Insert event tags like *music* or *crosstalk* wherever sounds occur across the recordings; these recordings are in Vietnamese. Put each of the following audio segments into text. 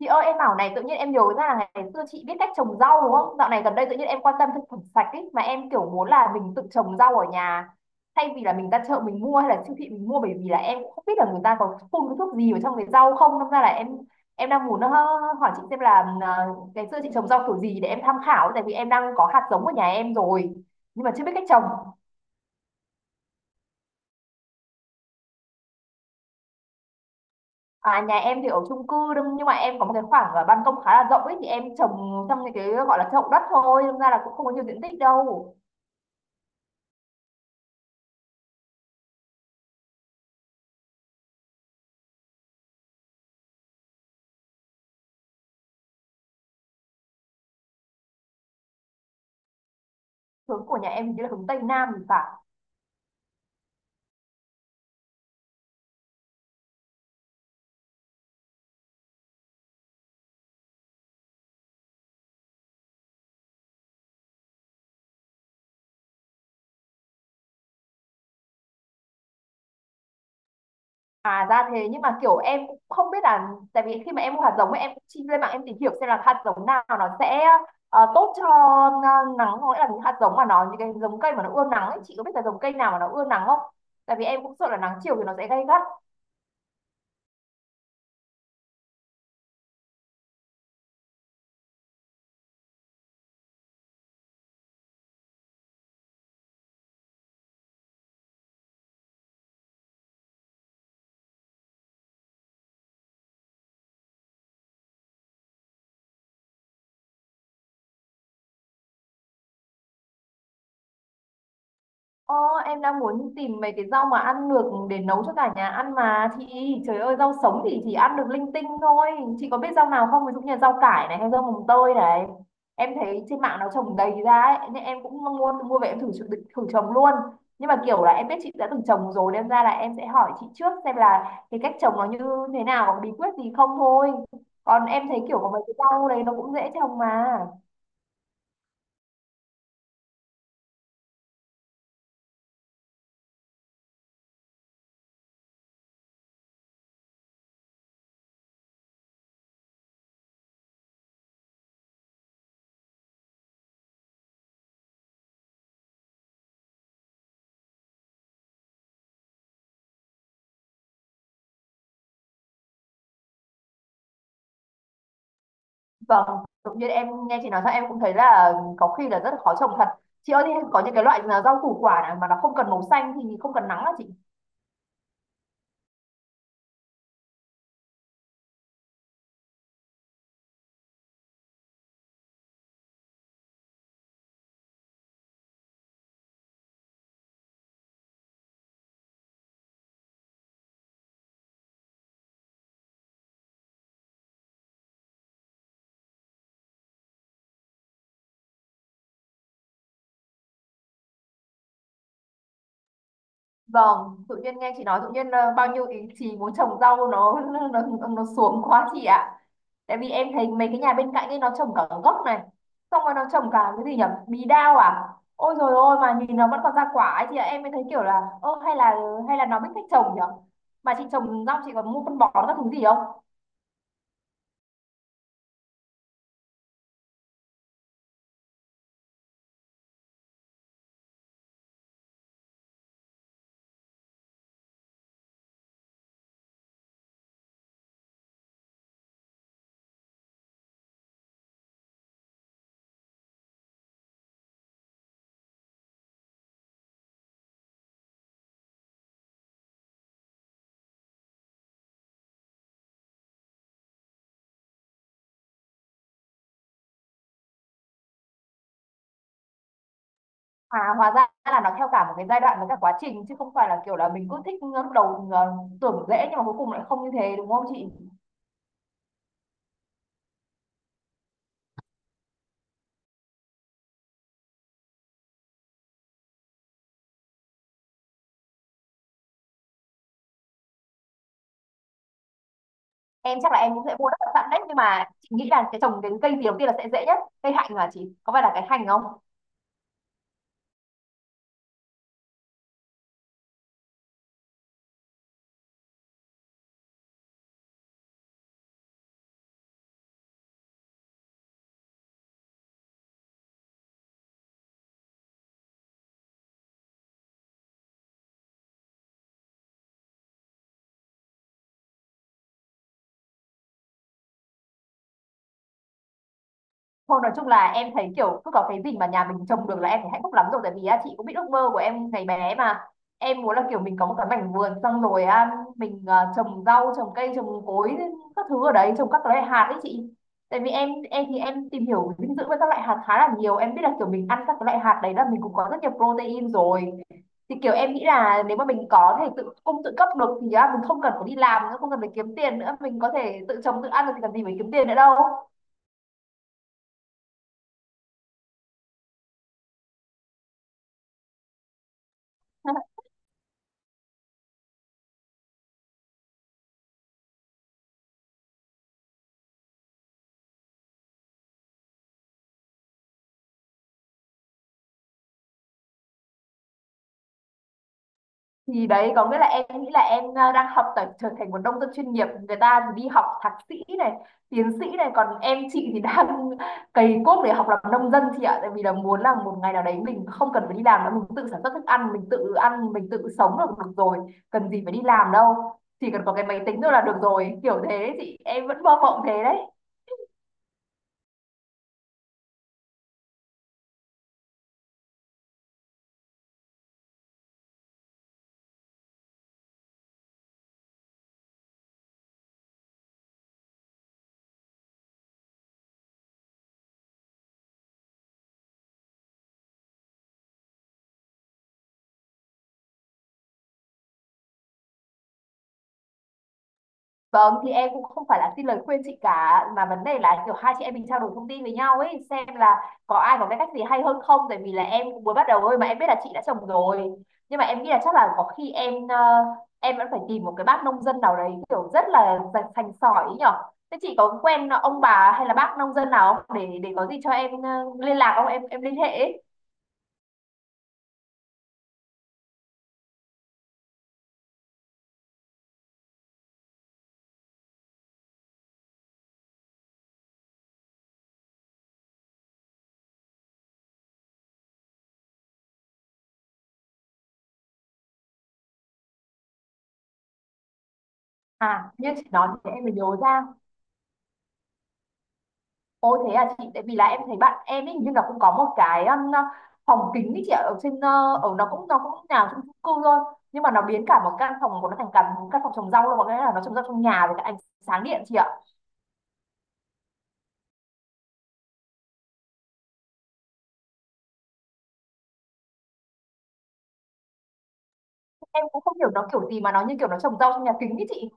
Chị ơi, em bảo này, tự nhiên em nhớ ra là ngày xưa chị biết cách trồng rau đúng không? Dạo này gần đây tự nhiên em quan tâm thực phẩm sạch ấy mà, em kiểu muốn là mình tự trồng rau ở nhà thay vì là mình ra chợ mình mua hay là siêu thị mình mua, bởi vì là em cũng không biết là người ta có phun cái thuốc gì vào trong cái rau không, nên ra là em đang muốn hỏi chị xem là ngày xưa chị trồng rau kiểu gì để em tham khảo, tại vì em đang có hạt giống ở nhà em rồi nhưng mà chưa biết cách trồng. À, nhà em thì ở chung cư nhưng mà em có một cái khoảng ban công khá là rộng ấy, thì em trồng trong những cái gọi là chậu đất thôi, nên ra là cũng không có nhiều diện tích đâu. Hướng của nhà em hình như là hướng Tây Nam thì phải. À ra thế, nhưng mà kiểu em cũng không biết là, tại vì khi mà em mua hạt giống ấy, em cũng chi lên mạng em tìm hiểu xem là hạt giống nào nó sẽ tốt cho nắng, có nghĩa là những hạt giống mà nó, những cái giống cây mà nó ưa nắng ấy, chị có biết là giống cây nào mà nó ưa nắng không? Tại vì em cũng sợ là nắng chiều thì nó sẽ gay gắt. Ồ, em đang muốn tìm mấy cái rau mà ăn được để nấu cho cả nhà ăn mà chị, trời ơi rau sống thì chỉ ăn được linh tinh thôi. Chị có biết rau nào không, ví dụ như là rau cải này hay rau mồng tơi này, em thấy trên mạng nó trồng đầy ra ấy, nên em cũng mua mua về em thử thử, thử trồng luôn. Nhưng mà kiểu là em biết chị đã từng trồng rồi, nên ra là em sẽ hỏi chị trước xem là cái cách trồng nó như thế nào, có bí quyết gì không thôi, còn em thấy kiểu có mấy cái rau đấy nó cũng dễ trồng mà. Vâng, tự nhiên em nghe chị nói ra em cũng thấy là có khi là rất là khó trồng thật. Chị ơi, thế có những cái loại là rau củ quả nào mà nó không cần màu xanh thì không cần nắng hả chị? Vâng, tự nhiên nghe chị nói tự nhiên bao nhiêu ý chí muốn trồng rau nó *laughs* nó xuống quá chị ạ. Tại vì em thấy mấy cái nhà bên cạnh ấy nó trồng cả gốc này, xong rồi nó trồng cả cái gì nhỉ? Bí đao à? Ôi rồi ôi, mà nhìn nó vẫn còn ra quả ấy chị ạ. Em mới thấy kiểu là, ơ hay là nó biết cách trồng nhỉ? Mà chị trồng rau chị còn mua phân bón các thứ gì không? À, hóa ra là nó theo cả một cái giai đoạn với cả quá trình, chứ không phải là kiểu là mình cứ thích, lúc đầu tưởng dễ nhưng mà cuối cùng lại không như thế, đúng không chị? Em chắc là em cũng sẽ mua đất sẵn đấy, nhưng mà chị nghĩ là cái trồng cái cây gì đầu tiên là sẽ dễ nhất? Cây hạnh, là chị có phải là cái hành không? Thôi nói chung là em thấy kiểu cứ có cái gì mà nhà mình trồng được là em thấy hạnh phúc lắm rồi, tại vì á, chị cũng biết ước mơ của em ngày bé mà, em muốn là kiểu mình có một cái mảnh vườn, xong rồi á, mình à, trồng rau trồng cây trồng cối các thứ ở đấy, trồng các loại hạt đấy chị, tại vì em thì em tìm hiểu dinh dưỡng với các loại hạt khá là nhiều, em biết là kiểu mình ăn các cái loại hạt đấy là mình cũng có rất nhiều protein rồi, thì kiểu em nghĩ là nếu mà mình có thể tự cung tự cấp được thì á, mình không cần phải đi làm nữa, không cần phải kiếm tiền nữa, mình có thể tự trồng tự ăn được thì cần gì phải kiếm tiền nữa đâu. Thì đấy, có nghĩa là em nghĩ là em à, đang học tập trở thành một nông dân chuyên nghiệp, người ta thì đi học thạc sĩ này, tiến sĩ này, còn em chị thì đang *laughs* cày cuốc để học làm nông dân chị ạ, tại vì là muốn là một ngày nào đấy mình không cần phải đi làm nữa, mình tự sản xuất thức ăn, mình tự ăn mình tự sống là được rồi, cần gì phải đi làm đâu, chỉ cần có cái máy tính thôi là được rồi, kiểu thế, chị em vẫn mơ mộng thế đấy. Vâng, thì em cũng không phải là xin lời khuyên chị cả, mà vấn đề là kiểu hai chị em mình trao đổi thông tin với nhau ấy, xem là có ai có cái cách gì hay hơn không, tại vì là em cũng mới bắt đầu thôi, mà em biết là chị đã chồng rồi. Nhưng mà em nghĩ là chắc là có khi em em vẫn phải tìm một cái bác nông dân nào đấy kiểu rất là sành sành sỏi ấy nhở. Thế chị có quen ông bà hay là bác nông dân nào không, để để có gì cho em liên lạc không, em liên hệ ấy. À nhưng chị nói thì em mới nhớ ra. Ôi thế à chị, tại vì là em thấy bạn em ấy hình như là cũng có một cái phòng kính ấy chị ạ, ở trên ở, nó cũng nào chung chung cư thôi, nhưng mà nó biến cả một căn phòng của nó thành cả một căn phòng trồng rau luôn, có nghĩa là nó trồng rau trong nhà với cả ánh sáng điện chị ạ. Em cũng không hiểu nó kiểu gì, mà nó như kiểu nó trồng rau trong nhà kính ấy chị.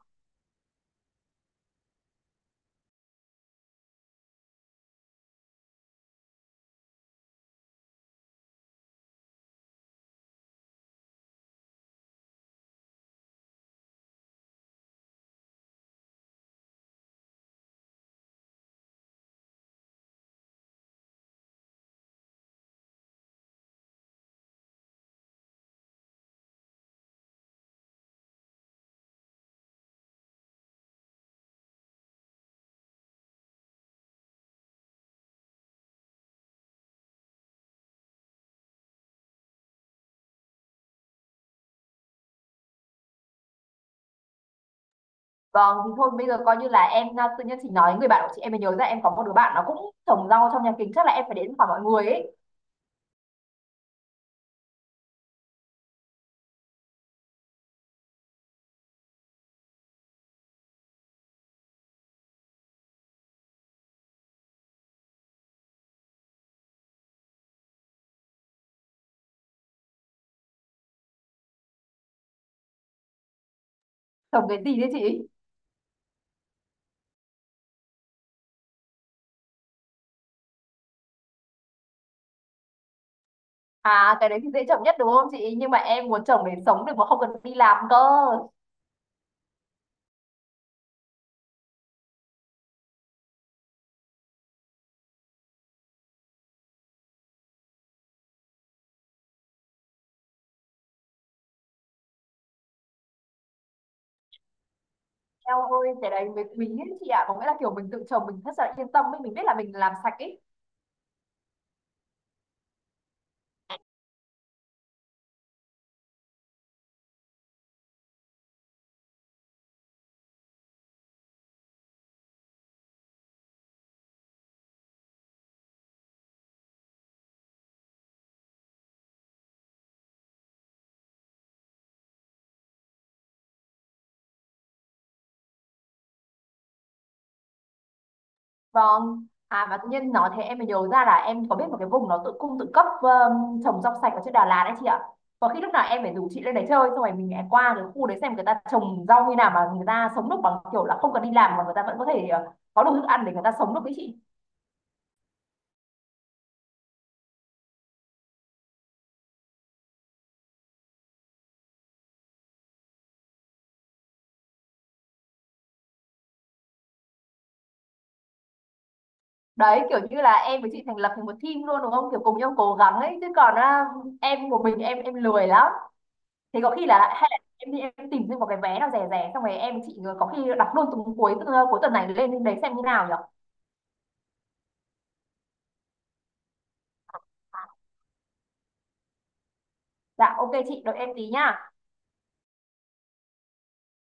Vâng thì thôi bây giờ coi như là em tự nhiên chị nói người bạn của chị em mới nhớ ra, em có một đứa bạn nó cũng trồng rau trong nhà kính, chắc là em phải đến hỏi mọi người ấy. Trồng cái gì đấy chị? À cái đấy thì dễ trồng nhất đúng không chị? Nhưng mà em muốn trồng để sống được mà không cần đi làm cơ. Eo ơi, cái đấy mới quý ấy chị ạ, có nghĩa là kiểu mình tự trồng mình rất là yên tâm ấy, mình biết là mình làm sạch ấy. Vâng. À mà tự nhiên nói thế em mới nhớ ra là em có biết một cái vùng nó tự cung tự cấp, trồng rau sạch ở trên Đà Lạt đấy chị ạ. Có khi lúc nào em phải rủ chị lên đấy chơi, xong rồi mình lại qua cái khu đấy xem người ta trồng rau như nào mà người ta sống được bằng kiểu là không cần đi làm mà người ta vẫn có thể có đủ thức ăn để người ta sống được đấy chị. Đấy, kiểu như là em với chị thành lập thành một team luôn đúng không? Kiểu cùng nhau cố gắng ấy, chứ còn à, em một mình em lười lắm. Thế có khi là hay là em đi em tìm thêm một cái vé nào rẻ rẻ, xong rồi em chị có khi đọc luôn, từ cuối tuần này lên đấy xem như nào nhở. Dạ ok chị, đợi em tí nhá.